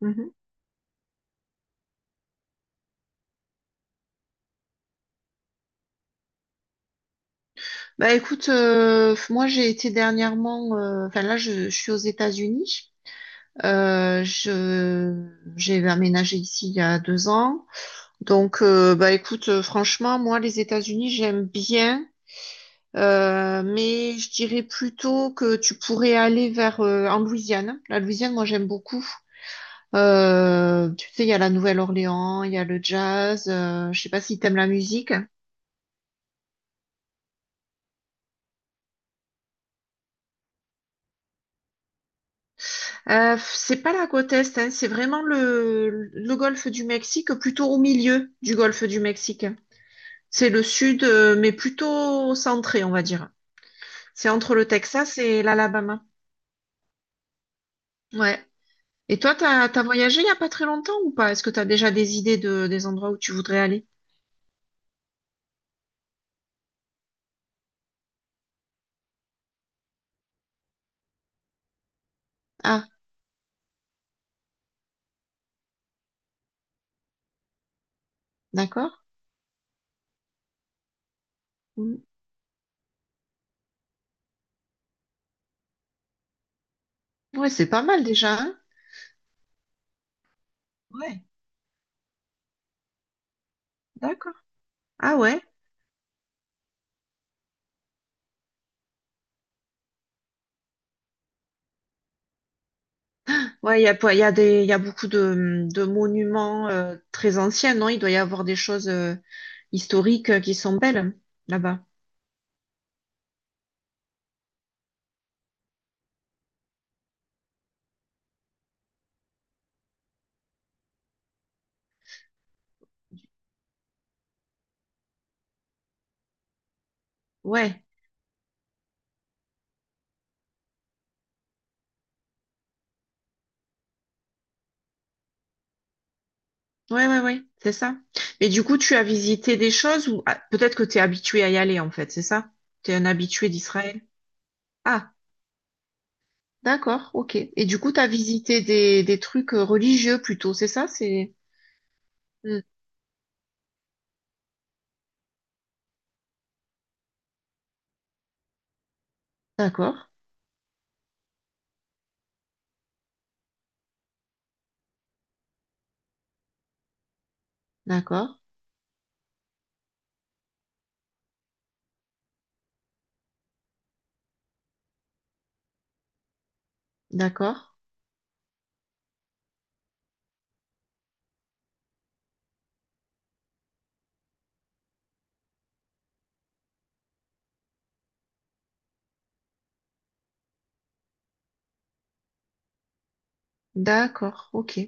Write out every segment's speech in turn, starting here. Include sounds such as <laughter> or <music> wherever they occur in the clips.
Mhm. Bah écoute, moi j'ai été dernièrement, enfin là je suis aux États-Unis. Je J'ai aménagé ici il y a deux ans. Donc bah écoute, franchement moi les États-Unis j'aime bien, mais je dirais plutôt que tu pourrais aller vers en Louisiane. La Louisiane moi j'aime beaucoup. Tu sais il y a la Nouvelle-Orléans, il y a le jazz. Je sais pas si t'aimes la musique. C'est pas la côte est, hein, c'est vraiment le golfe du Mexique, plutôt au milieu du golfe du Mexique. C'est le sud, mais plutôt centré, on va dire. C'est entre le Texas et l'Alabama. Ouais. Et toi, t'as voyagé il y a pas très longtemps ou pas? Est-ce que t'as déjà des idées de, des endroits où tu voudrais aller? Ah, d'accord. Mm. Ouais, c'est pas mal déjà, hein. Ouais, d'accord. Ah ouais? Ouais, il y a, il y a beaucoup de monuments très anciens, non? Il doit y avoir des choses, historiques qui sont belles là-bas. Ouais, ouais, ouais, ouais, c'est ça. Mais du coup, tu as visité des choses ou ah, peut-être que tu es habitué à y aller en fait, c'est ça? Tu es un habitué d'Israël. Ah, d'accord, ok. Et du coup, tu as visité des trucs religieux plutôt, c'est ça? C'est Hmm. D'accord, d'accord, d'accord, d'accord, ok.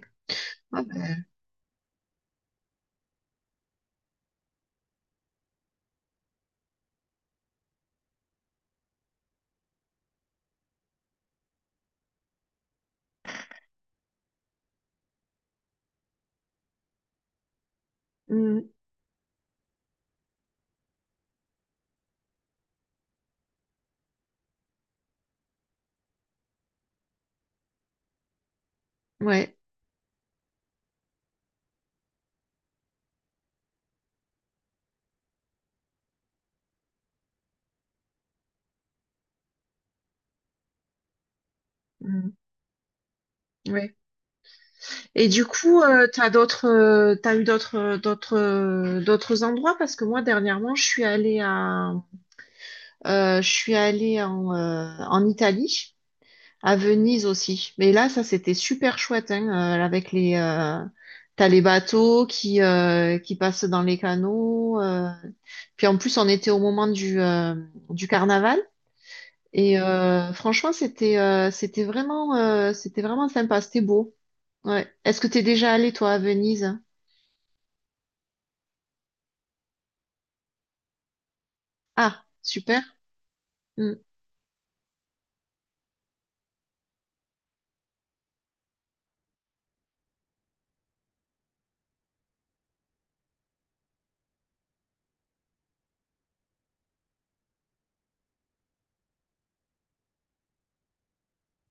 Ah ben, hmm, ouais. Hmm, ouais. Et du coup, euh, t'as eu d'autres endroits parce que moi dernièrement, je suis allée à, je suis allée en, en Italie, à Venise aussi. Mais là, ça, c'était super chouette, hein, euh, avec les... euh, t'as les bateaux qui passent dans les canaux. Puis en plus, on était au moment du carnaval. Et franchement, c'était vraiment sympa. C'était beau. Ouais. Est-ce que t'es déjà allé, toi, à Venise? Ah, super. Mm,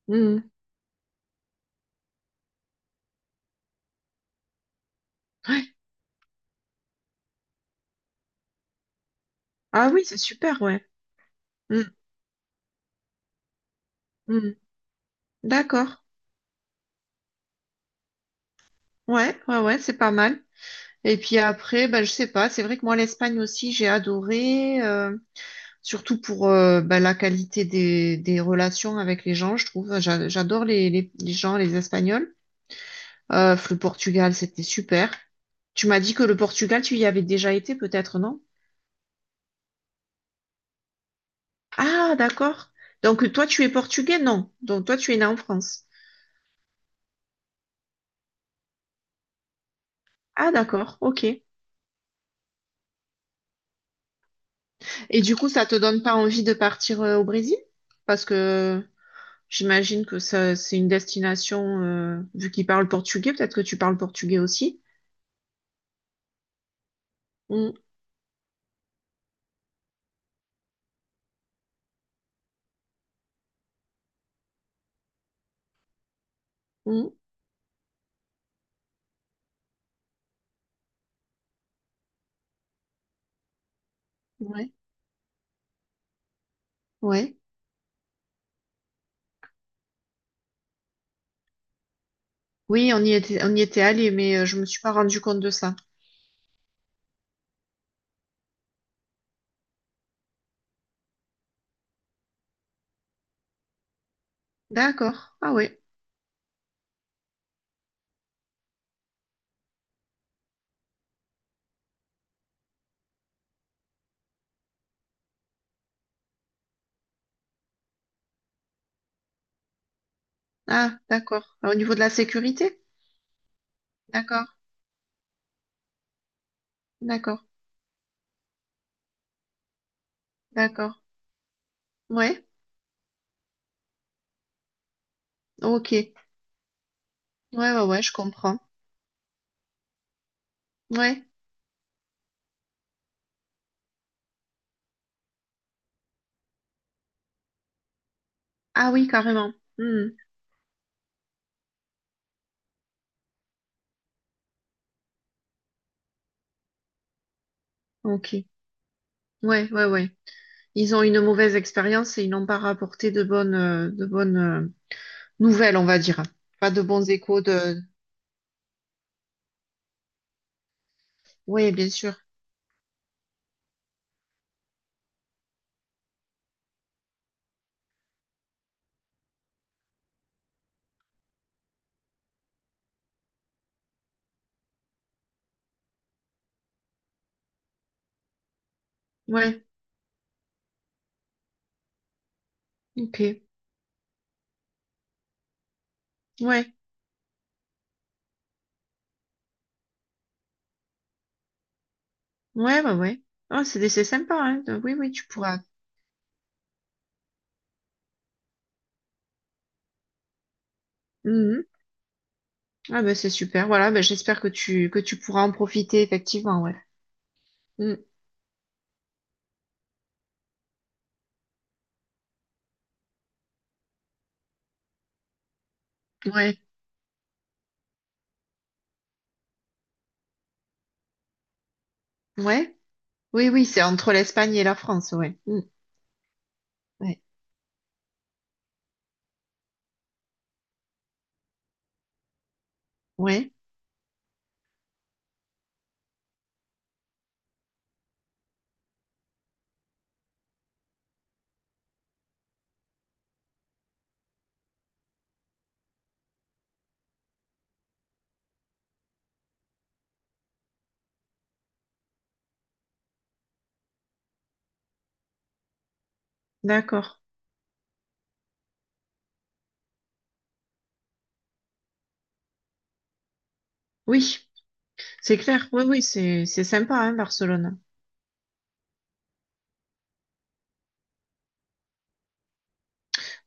mm. Ouais. Ah oui, c'est super, ouais. Mm, mm. D'accord. Ouais, ouais, ouais, c'est pas mal. Et puis après, ben, je sais pas, c'est vrai que moi, l'Espagne aussi, j'ai adoré, surtout pour ben, la qualité des relations avec les gens, je trouve. J'adore les gens, les Espagnols. Le Portugal, c'était super. Tu m'as dit que le Portugal, tu y avais déjà été, peut-être, non? Ah, d'accord. Donc toi, tu es portugais, non? Donc toi, tu es né en France. Ah, d'accord, ok. Et du coup, ça te donne pas envie de partir au Brésil? Parce que j'imagine que ça, c'est une destination, vu qu'il parle portugais, peut-être que tu parles portugais aussi. Mm, mm, ouais, ouais. Oui, on y était allé, mais je me suis pas rendu compte de ça. D'accord. Ah ouais. Ah, d'accord. Ah, au niveau de la sécurité? D'accord, d'accord, d'accord. Ouais, ok. Ouais, ouais, ouais, je comprends. Ouais. Ah oui, carrément. Hmm. Ok. Ouais, ouais, ouais. Ils ont une mauvaise expérience et ils n'ont pas rapporté de bonnes nouvelles, on va dire. Pas de bons échos de, oui, bien sûr. Ouais, ok. Ouais, ouais, bah ouais. Ah, c'est sympa, hein. Donc, oui, oui, tu pourras. Mhm. Ah bah c'est super. Voilà, bah, j'espère que tu pourras en profiter effectivement, ouais. Mm. Ouais, ouais. Oui, oui, c'est entre l'Espagne et la France, ouais. Mm. Ouais, ouais. D'accord. Oui, c'est clair. Oui, oui, c'est sympa, hein, Barcelone.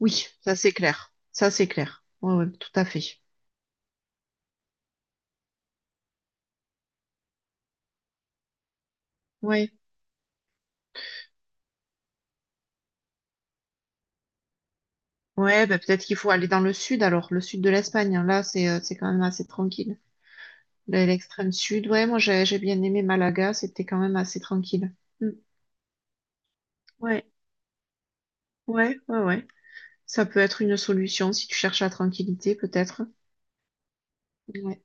Oui, ça c'est clair. Ça c'est clair. Ouais, ouais, tout à fait. Ouais. Ouais, bah peut-être qu'il faut aller dans le sud alors, le sud de l'Espagne, hein. Là, c'est quand même assez tranquille. De l'extrême sud. Ouais, moi j'ai bien aimé Malaga, c'était quand même assez tranquille. Mm. Ouais, ouais, ouais, ouais. Ça peut être une solution si tu cherches la tranquillité, peut-être. Ouais,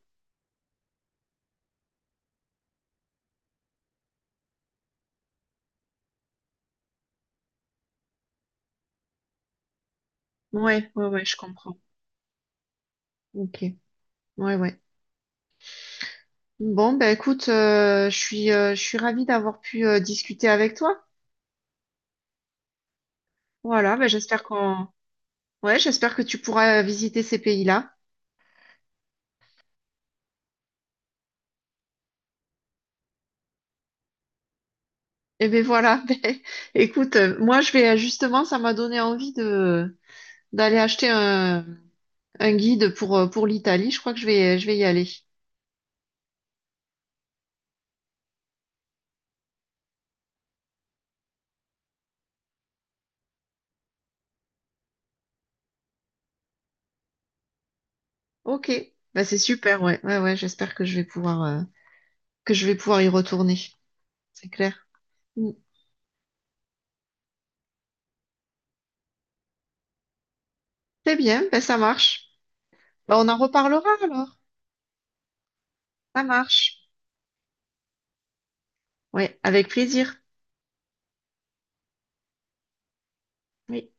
ouais, ouais, ouais, je comprends. Ok, ouais, ouais. Bon, ben écoute, je suis ravie d'avoir pu discuter avec toi. Voilà, ben j'espère qu'on, ouais, j'espère que tu pourras visiter ces pays-là. Et ben voilà, <laughs> ben, écoute, moi je vais justement, ça m'a donné envie de d'aller acheter un guide pour l'Italie. Je crois que je vais y aller. Ok, bah, c'est super, ouais. Ouais, ouais, j'espère que je vais pouvoir, que je vais pouvoir y retourner. C'est clair. Mm. C'est bien, bah, ça marche. Bah, on en reparlera alors. Ça marche. Ouais, avec plaisir. Oui.